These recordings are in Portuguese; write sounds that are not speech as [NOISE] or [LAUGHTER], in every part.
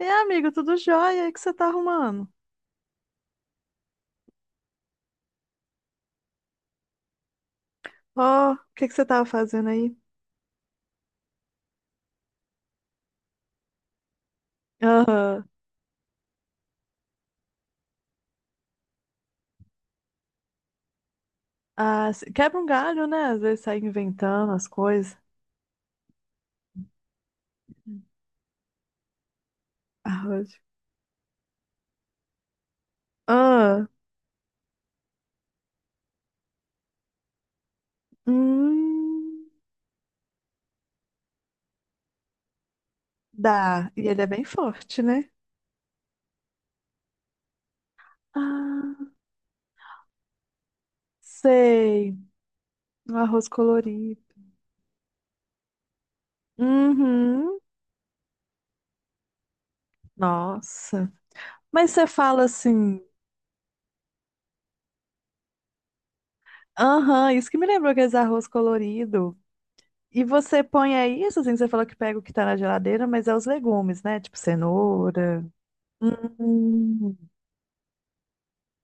E amigo, tudo jóia? O que você tá arrumando? Ó, o que você tava fazendo aí? Aham. Ah, quebra um galho, né? Às vezes sai inventando as coisas. Arroz. Ah, hum, dá. E ele é bem forte, né? Ah, sei. Um arroz colorido. Uhum. Nossa. Mas você fala assim, aham, isso que me lembrou aqueles arroz colorido. E você põe aí isso, assim, você falou que pega o que tá na geladeira, mas é os legumes, né? Tipo cenoura. Hum,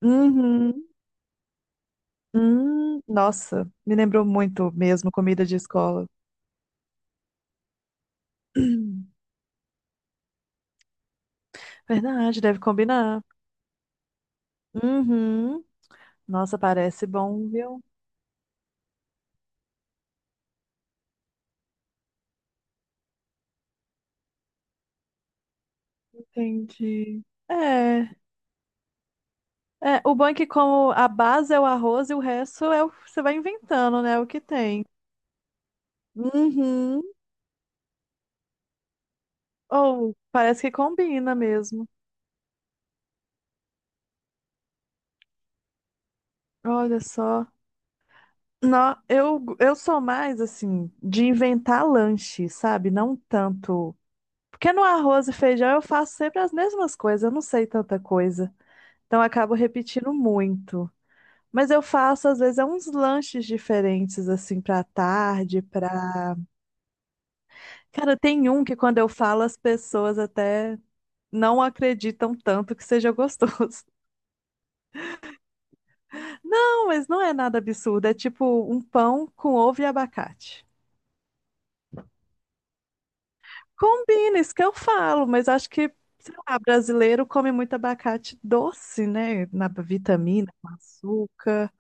uhum. Nossa, me lembrou muito mesmo comida de escola. [CLEARS THROAT] Verdade, deve combinar. Uhum. Nossa, parece bom, viu? Entendi. É, o bom é que como a base é o arroz e o resto é, você vai inventando, né? O que tem. Uhum. Ou parece que combina mesmo. Olha só. Não, eu sou mais assim de inventar lanche, sabe? Não tanto. Porque no arroz e feijão eu faço sempre as mesmas coisas, eu não sei tanta coisa. Então eu acabo repetindo muito. Mas eu faço, às vezes, é uns lanches diferentes, assim, pra tarde, pra. Cara, tem um que quando eu falo, as pessoas até não acreditam tanto que seja gostoso. [LAUGHS] Não, mas não é nada absurdo. É tipo um pão com ovo e abacate. Combina, isso que eu falo, mas acho que, sei lá, brasileiro come muito abacate doce, né? Na vitamina, com açúcar.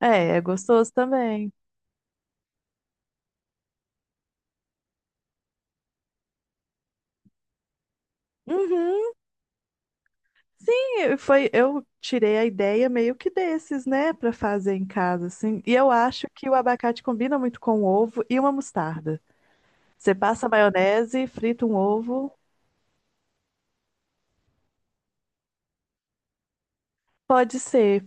É, é gostoso também. Uhum. Sim, foi, eu tirei a ideia meio que desses, né, pra fazer em casa, assim. E eu acho que o abacate combina muito com ovo e uma mostarda. Você passa maionese, frita um ovo, pode ser,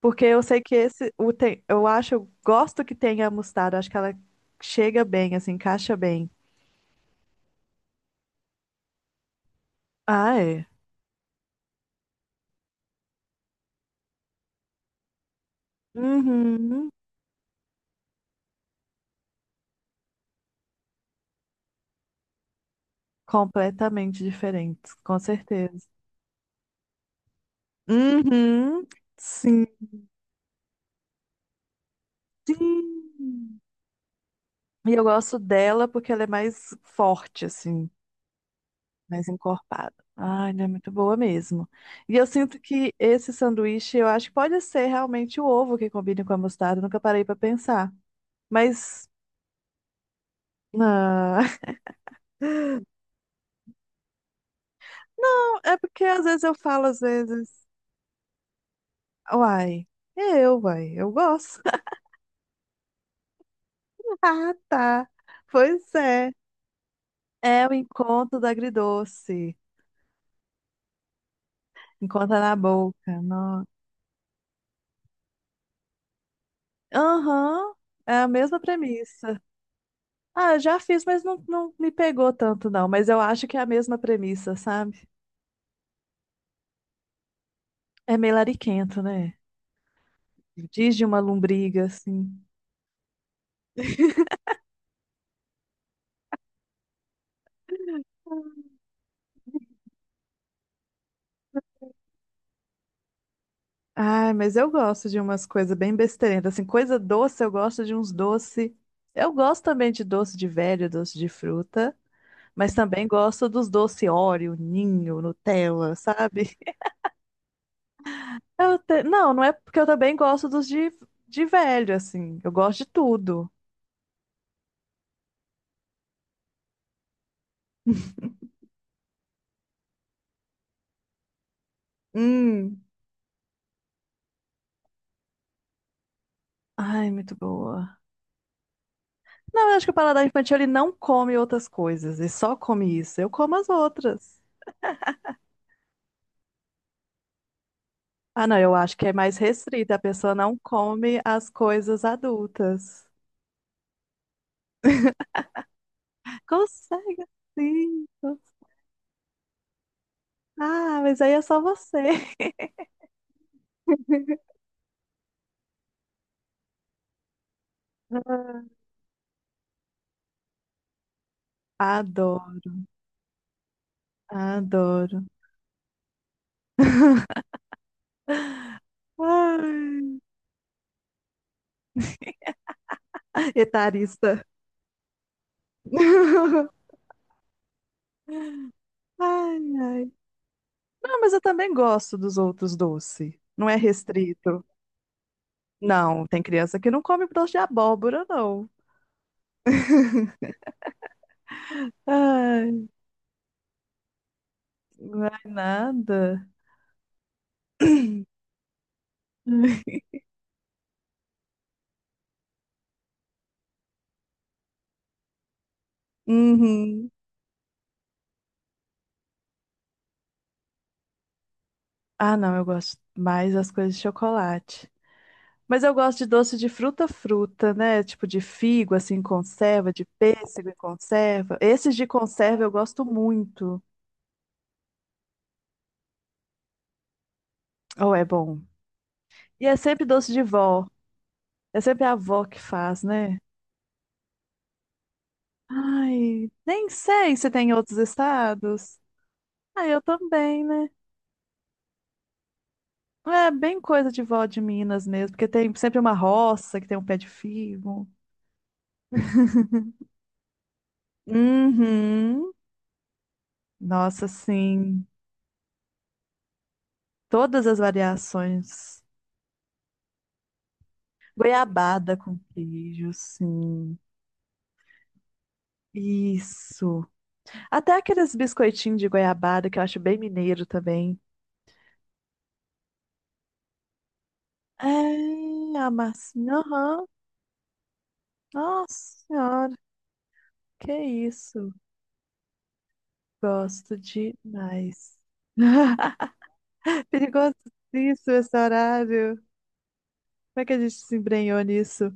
porque eu sei que esse, o tem, eu acho, eu gosto que tenha a mostarda, acho que ela chega bem, assim, encaixa bem. Ah, é. Uhum. Completamente diferentes, com certeza. Uhum. Sim. Sim. E eu gosto dela porque ela é mais forte, assim, mais encorpada. Ah, ela é muito boa mesmo. E eu sinto que esse sanduíche, eu acho que pode ser realmente o ovo que combine com a mostarda, nunca parei pra pensar. Mas, ah, [LAUGHS] é porque às vezes eu falo, às vezes, uai, uai, eu gosto. [LAUGHS] Ah, tá. Pois é. É o encontro do agridoce. Encontra na boca. Não. Aham, é a mesma premissa. Ah, eu já fiz, mas não, não me pegou tanto, não. Mas eu acho que é a mesma premissa, sabe? É meio lariquento, né? Diz de uma lombriga, assim. Ai, mas eu gosto de umas coisas bem besteirentas. Assim, coisa doce, eu gosto de uns doce. Eu gosto também de doce de velho, doce de fruta. Mas também gosto dos doce Oreo, Ninho, Nutella, sabe? Não, não é porque eu também gosto dos de velho, assim. Eu gosto de tudo. Hum, Ai, muito boa. Não, eu acho que o paladar infantil ele não come outras coisas, ele só come isso. Eu como as outras. Ah, não, eu acho que é mais restrita, a pessoa não come as coisas adultas. Consegue sim. Ah, mas aí é só você. [LAUGHS] Adoro, adoro. Ai, etarista. [LAUGHS] Ai, ai. Não, mas eu também gosto dos outros doces. Não é restrito. Não, tem criança que não come doce de abóbora, não. Ai, não é nada. [LAUGHS] Uhum. Ah, não, eu gosto mais das coisas de chocolate. Mas eu gosto de doce de fruta, fruta, né? Tipo de figo, assim, em conserva, de pêssego em conserva. Esses de conserva eu gosto muito. Oh, é bom. E é sempre doce de vó. É sempre a avó que faz, né? Ai, nem sei se tem em outros estados. Ah, eu também, né? É bem coisa de vó de Minas mesmo, porque tem sempre uma roça que tem um pé de figo. Uhum. Nossa, sim, todas as variações. Goiabada com queijo, sim. Isso. Até aqueles biscoitinhos de goiabada que eu acho bem mineiro também. É, a massinha, aham. Nossa senhora, que isso. Gosto demais. [LAUGHS] Perigosíssimo esse horário. Como é que a gente se embrenhou nisso?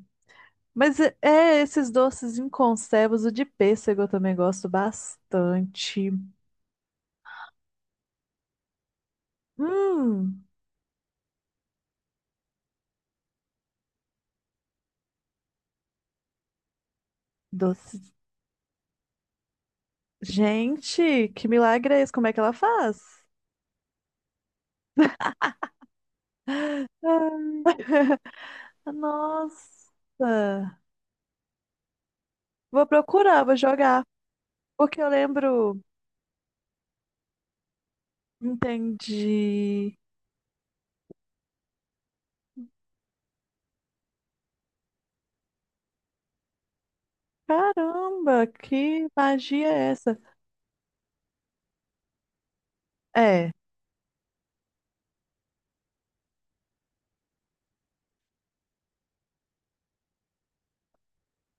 Esses doces em conservas, o de pêssego eu também gosto bastante. Hum, doce. Gente, que milagre é esse? Como é que ela faz? Ah, nossa. Vou procurar, vou jogar. Porque eu lembro. Entendi. Caramba, que magia é essa? É.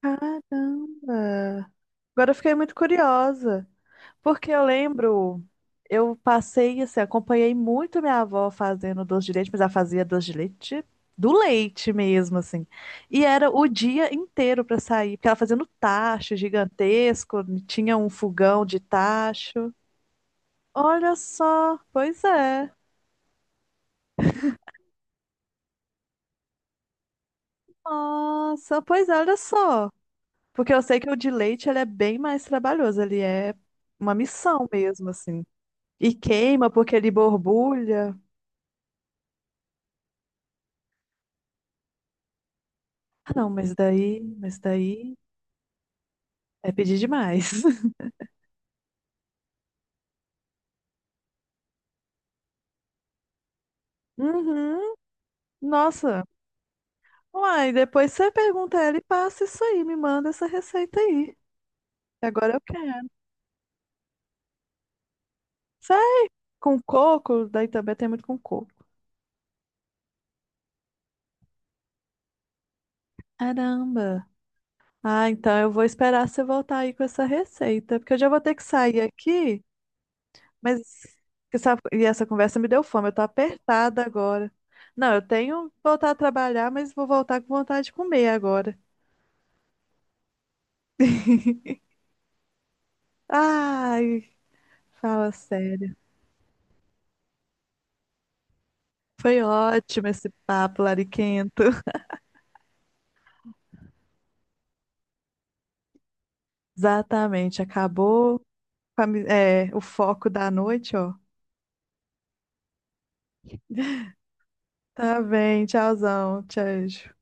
Caramba. Agora eu fiquei muito curiosa. Porque eu lembro, eu passei, assim, acompanhei muito minha avó fazendo doce de leite, mas ela fazia doce de leite do leite mesmo, assim. E era o dia inteiro para sair, porque ela fazia no tacho gigantesco, tinha um fogão de tacho. Olha só, pois é. Nossa, pois é, olha só. Porque eu sei que o de leite ele é bem mais trabalhoso, ele é uma missão mesmo, assim. E queima porque ele borbulha. Ah, não, mas daí. É pedir demais. [LAUGHS] Uhum. Nossa. Uai, depois você pergunta a ela e passa isso aí, me manda essa receita aí. Agora eu quero. Sai com coco, daí também tem muito com coco. Caramba. Ah, então eu vou esperar você voltar aí com essa receita, porque eu já vou ter que sair aqui, mas e essa conversa me deu fome, eu tô apertada agora. Não, eu tenho que voltar a trabalhar, mas vou voltar com vontade de comer agora. Ai, fala sério. Foi ótimo esse papo lariquento. [LAUGHS] Exatamente, acabou com a é, o foco da noite, ó. Tá bem, tchauzão, tchau.